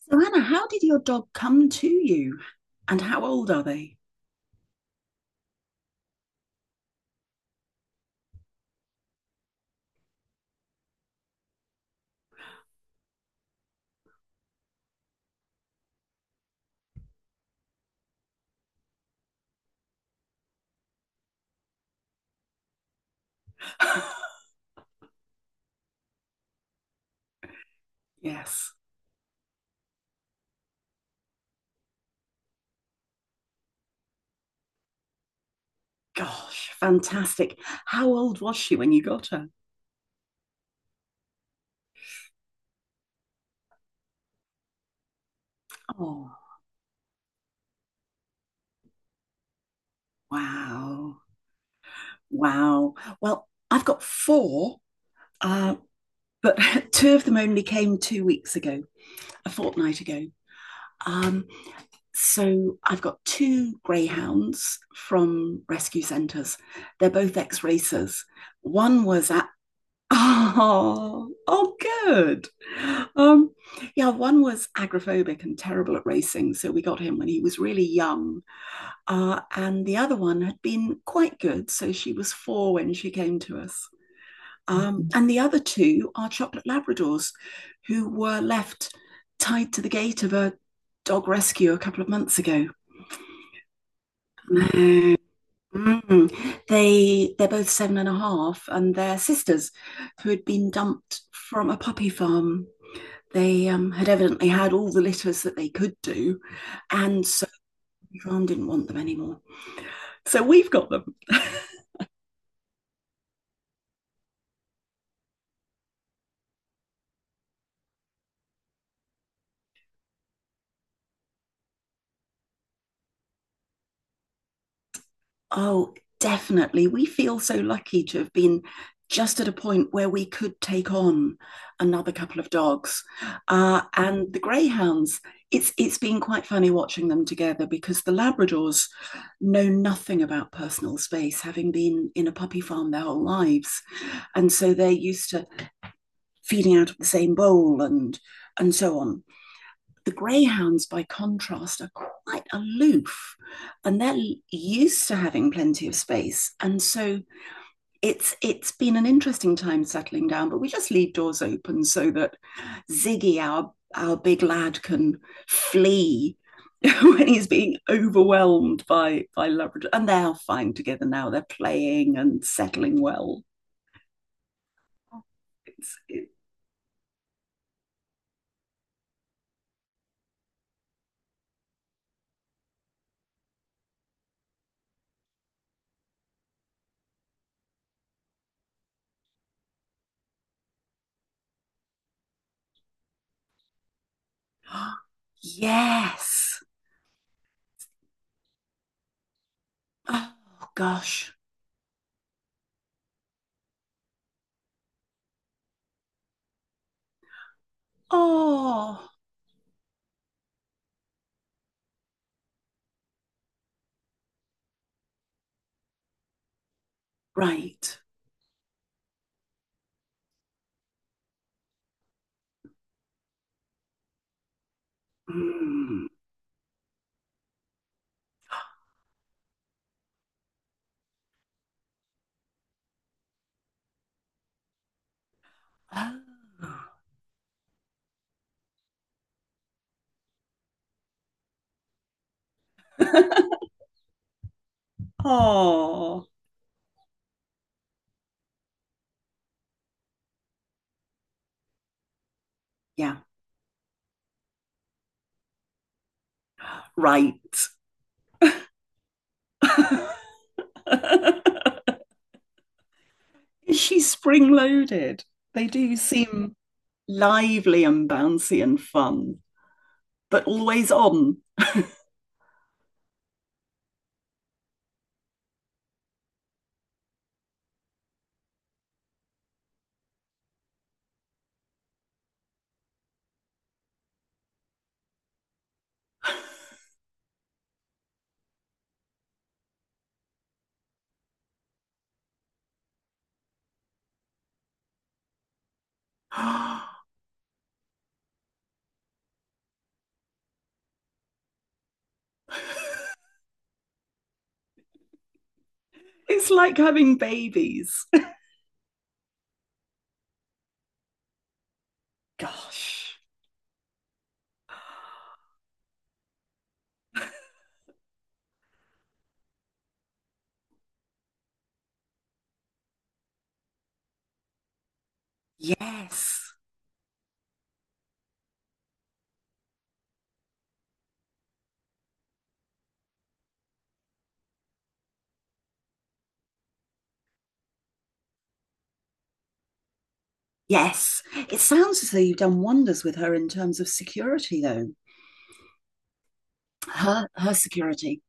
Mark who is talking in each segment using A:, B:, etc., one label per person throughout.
A: So, Anna, how did your dog come to you and how old are they? Yes. Gosh, fantastic. How old was she when you got her? Oh, wow. Wow. Well, I've got four, uh, but two of them only came 2 weeks ago, a fortnight ago. Um, so I've got two greyhounds from rescue centres. They're both ex racers. One was at Oh, oh, good. Um, yeah, one was agoraphobic and terrible at racing, so we got him when he was really young. And the other one had been quite good. So she was four when she came to us. And the other two are chocolate Labradors who were left tied to the gate of a dog rescue a couple of months ago. Mm. They're both seven and a half, and they're sisters, who had been dumped from a puppy farm. They had evidently had all the litters that they could do, and so the farm didn't want them anymore. So we've got them. Oh, definitely. We feel so lucky to have been just at a point where we could take on another couple of dogs. And the greyhounds, it's been quite funny watching them together because the Labradors know nothing about personal space, having been in a puppy farm their whole lives. And so they're used to feeding out of the same bowl, and so on. The greyhounds, by contrast, are quite aloof and they're used to having plenty of space. And so it's been an interesting time settling down, but we just leave doors open so that Ziggy, our big lad, can flee when he's being overwhelmed by Labrador. And they're fine together now. They're playing and settling well. It's it, yes. Oh gosh. Oh, right. Mm. Oh. Oh, yeah, right. Is she spring loaded? They do seem lively and bouncy and fun, but always on. It's like having babies. Gosh. Yes. Yes. It sounds as though you've done wonders with her in terms of security, though. Her security.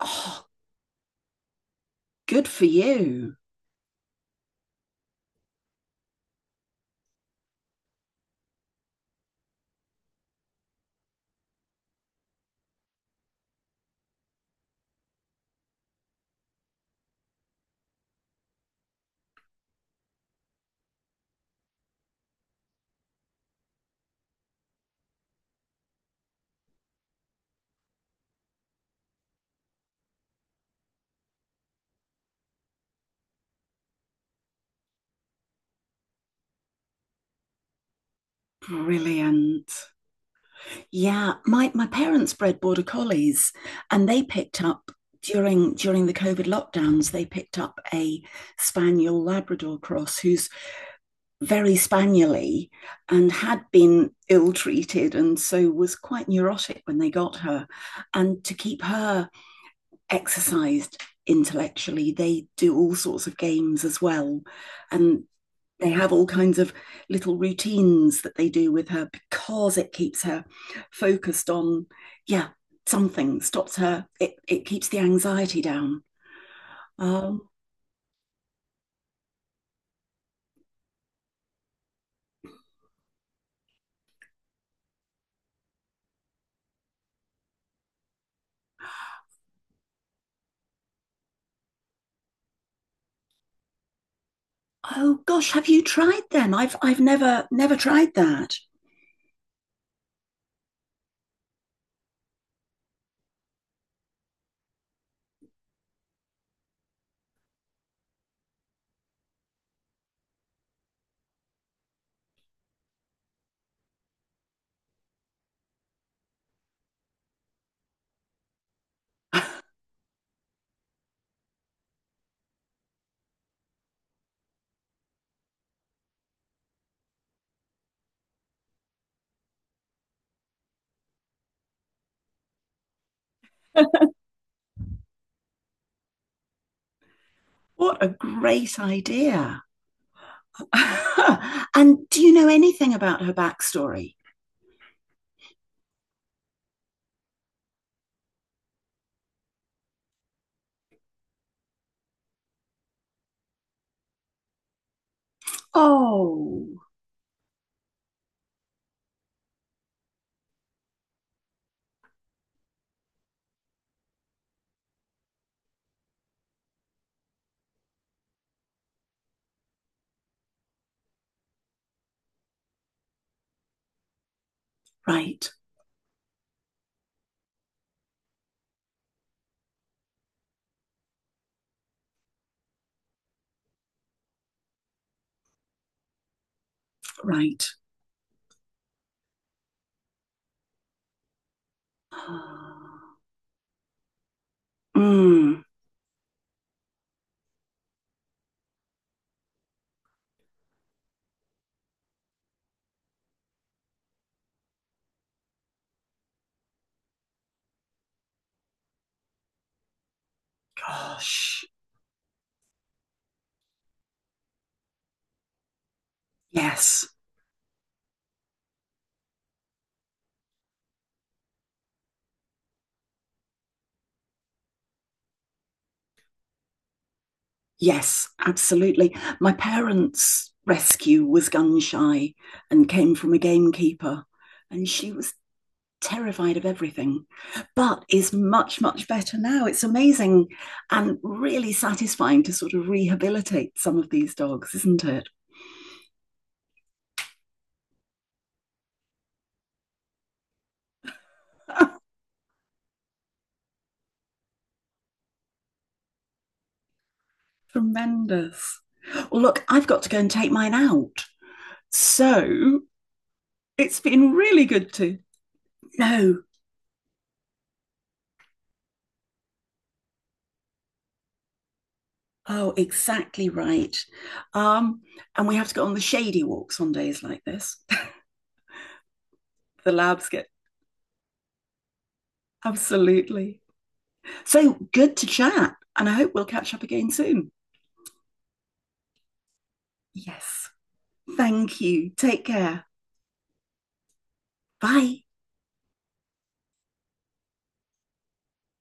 A: Oh, good for you. Brilliant. Yeah, my parents bred border collies, and they picked up during the COVID lockdowns. They picked up a spaniel Labrador cross who's very spaniely and had been ill treated, and so was quite neurotic when they got her. And to keep her exercised intellectually, they do all sorts of games as well, and they have all kinds of little routines that they do with her because it keeps her focused on, yeah, something stops her. It keeps the anxiety down. um, oh gosh, have you tried them? I've never tried that. What a great idea. And do you know anything about her backstory? Oh, right. Right. Mm. Gosh. Yes. Yes, absolutely. My parents' rescue was gun shy and came from a gamekeeper, and she was terrified of everything, but is much, much better now. It's amazing and really satisfying to sort of rehabilitate some of these dogs, isn't it? Tremendous. Well, look, I've got to go and take mine out. So it's been really good to know. Oh, exactly right. Um, and we have to go on the shady walks on days like this. The labs get absolutely. So good to chat. And I hope we'll catch up again soon. Yes. Thank you. Take care. Bye.